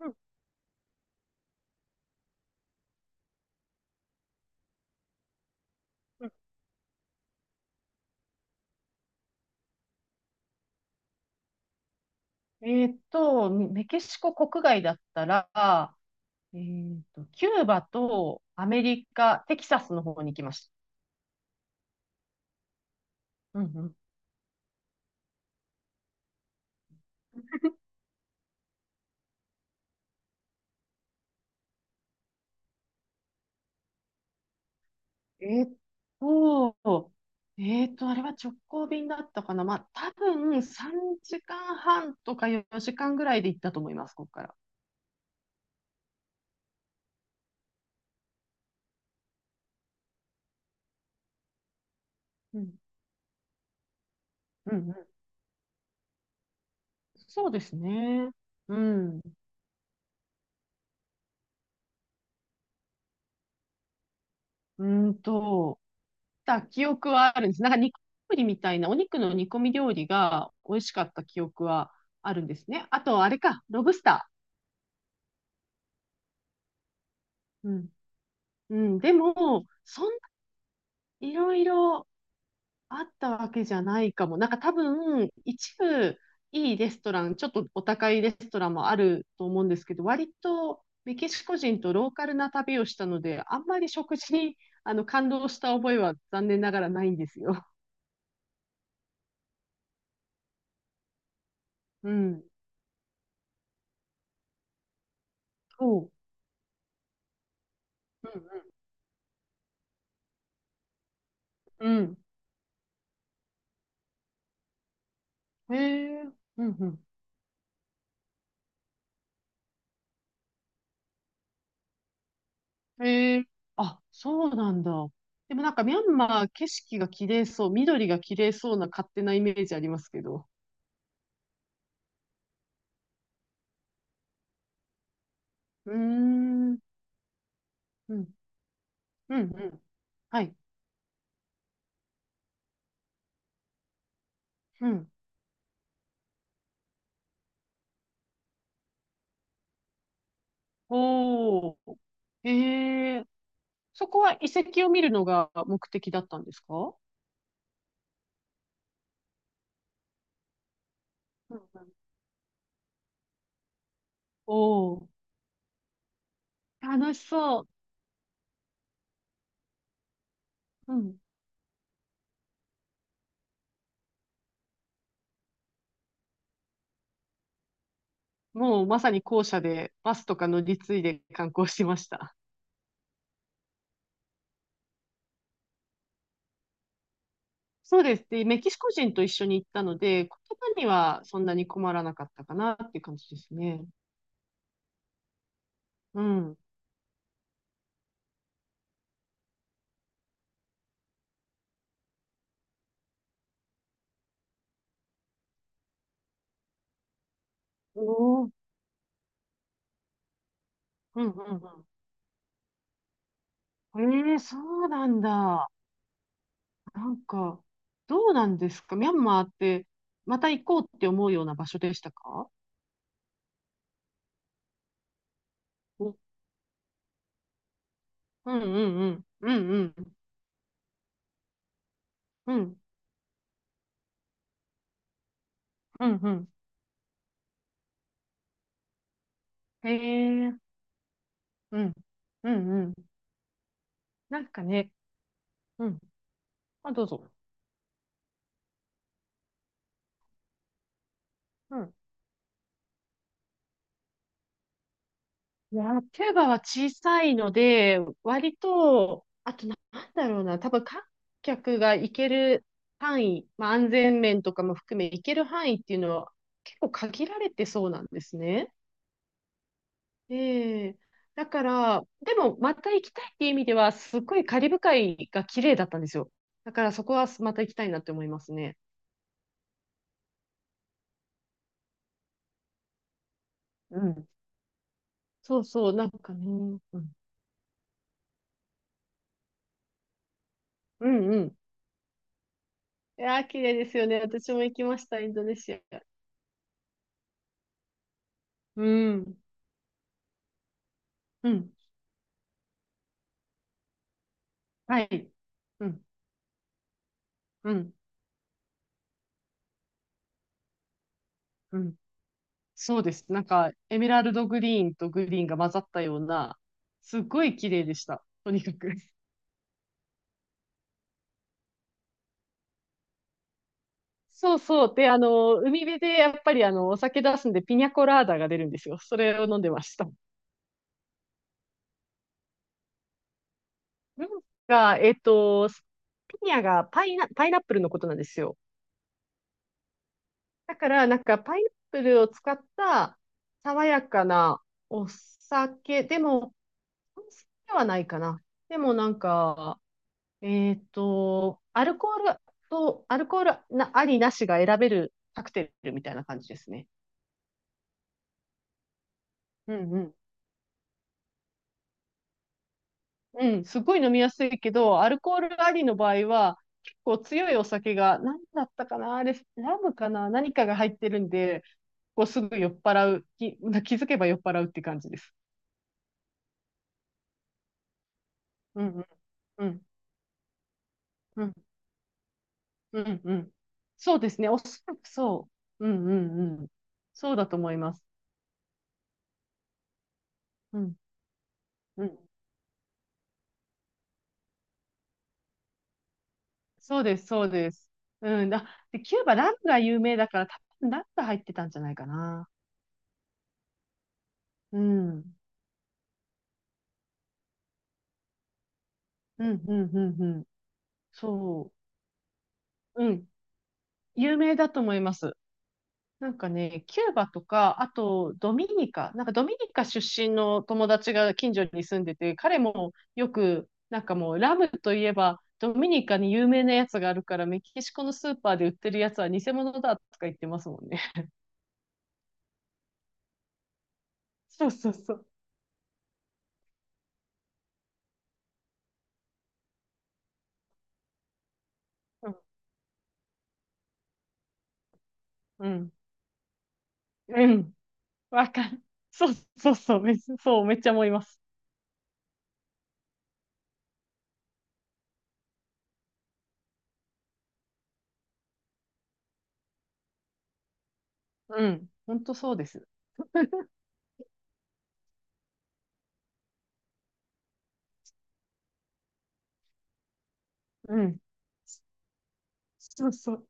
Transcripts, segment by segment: うんうん。メキシコ国外だったら、キューバとアメリカ、テキサスの方に行きました。うんうん。えーっと、あれは直行便だったかな。まあ、多分3時間半とか4時間ぐらいで行ったと思います、ここから。うん、うん、うん。そうですね。うん。うーんと、た記憶はあるんです。なんか煮込みみたいな、お肉の煮込み料理が美味しかった記憶はあるんですね。あと、あれか、ロブスター。うん。うん、でも、そんないろいろあったわけじゃないかも。なんか多分、一部いいレストラン、ちょっとお高いレストランもあると思うんですけど、割とメキシコ人とローカルな旅をしたので、あんまり食事にあの感動した覚えは残念ながらないんですよ。うん。そう。うんうんうん。ええ。うんうん。ええ。あ、そうなんだ。でもなんかミャンマー景色が綺麗そう、緑が綺麗そうな勝手なイメージありますけど。うーん、うん、うん、うん。はい、うん。おー。ええ。そこは遺跡を見るのが目的だったんですか？うんうん。おー、楽しそう。うん。もうまさに校舎でバスとか乗り継いで観光しました。そうです。で、メキシコ人と一緒に行ったので、言葉にはそんなに困らなかったかなっていう感じですね。うん。おお。うんうんうん。ええ。そうなんだ。なんか、どうなんですかミャンマーって、また行こうって思うような場所でしたか？お。うんうんうん。うんうん。うん。うんうん。へえ。うん。うんうん。なんかね。うん。あ、どうぞ。いや、キューバは小さいので、割と、あとなんだろうな、多分観客が行ける範囲、まあ、安全面とかも含め行ける範囲っていうのは結構限られてそうなんですね。ええ。だから、でもまた行きたいっていう意味では、すっごいカリブ海が綺麗だったんですよ。だからそこはまた行きたいなって思いますね。うん。そうそう、なんかね。うん、うん、うん。いやー、綺麗ですよね。私も行きました、インドネシア。うん。うん。はい。うん、うん、うん。そうです。なんか、エメラルドグリーンとグリーンが混ざったような、すっごい綺麗でした。とにかく。そうそう。で、海辺でやっぱりお酒出すんで、ピニャコラーダが出るんですよ。それを飲んでました。なんか ピニャがパイナ、パイナップルのことなんですよ。だから、なんか、パイナップルを使った爽やかなお酒、でも、お酒ではないかな。でもなんか、えっと、アルコールアルコールな、ありなしが選べるカクテルみたいな感じですね。うんうん。うん、すごい飲みやすいけど、アルコールありの場合は、結構強いお酒が、何だったかな、あれ、ラムかな、何かが入ってるんで、こうすぐ酔っ払う、気づけば酔っ払うって感じです。うんうんうんうんうんうん。そうですね、おそらくそう。うんうんうん。そうだと思います。うんうん。そうです、そうです。うん。あ、で、キューバ、ラムが有名だから、多分ラムが入ってたんじゃないかな。うん。うん、うん、うん、うん。そう。うん。有名だと思います。なんかね、キューバとか、あとドミニカ、なんかドミニカ出身の友達が近所に住んでて、彼もよく、なんかもうラムといえば、ドミニカに有名なやつがあるから、メキシコのスーパーで売ってるやつは偽物だとか言ってますもんね。そうそうそう。うん。うん。うん。わかんそうそうそう、めっちゃ、そう、めっちゃ思います。うん。ほんとそうです。うん。そうそう。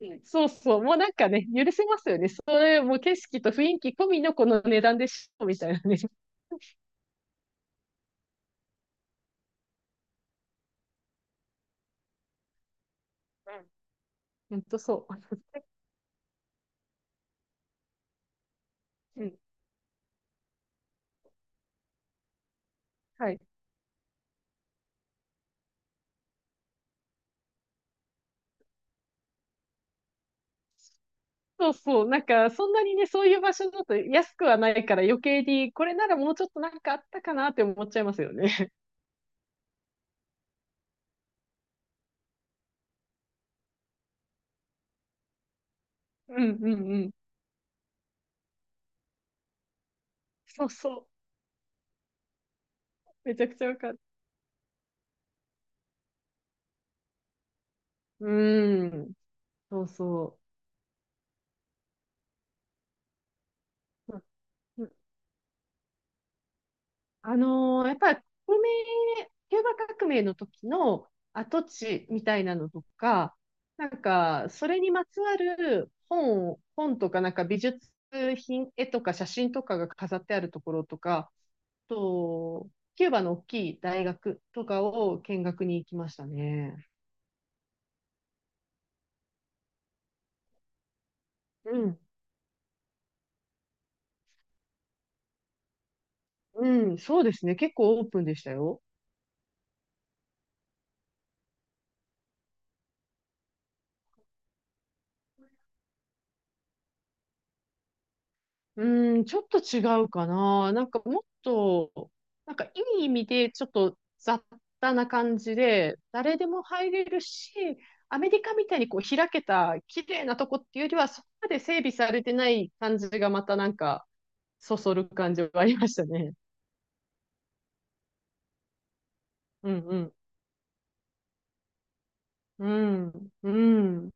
うんそうそう。もうなんかね、許せますよね。それ、もう景色と雰囲気込みのこの値段でしょ、みたいなね。うん。ほんとそう。うん。はい。そうそう。なんか、そんなにね、そういう場所だと安くはないから余計に、これならもうちょっとなんかあったかなって思っちゃいますよね。うんうんうん。そうそう。めちゃくちゃわかる。うーん。そうそう。うん。やっぱり革命、キューバ革命の時の跡地みたいなのとか、なんか、それにまつわる本とか、なんか美術品、絵とか写真とかが飾ってあるところとか、あと、キューバの大きい大学とかを見学に行きましたね。うん、うん、そうですね。結構オープンでしたよ。うーん、ちょっと違うかな。なんかもっと、なんかいい意味でちょっと雑多な感じで、誰でも入れるし、アメリカみたいにこう開けた綺麗なとこっていうよりは、そこまで整備されてない感じがまたなんか、そそる感じはありましたね。うんうん。うん。うん。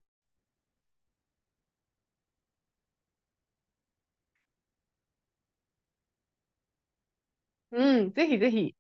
うん。ぜひぜひ。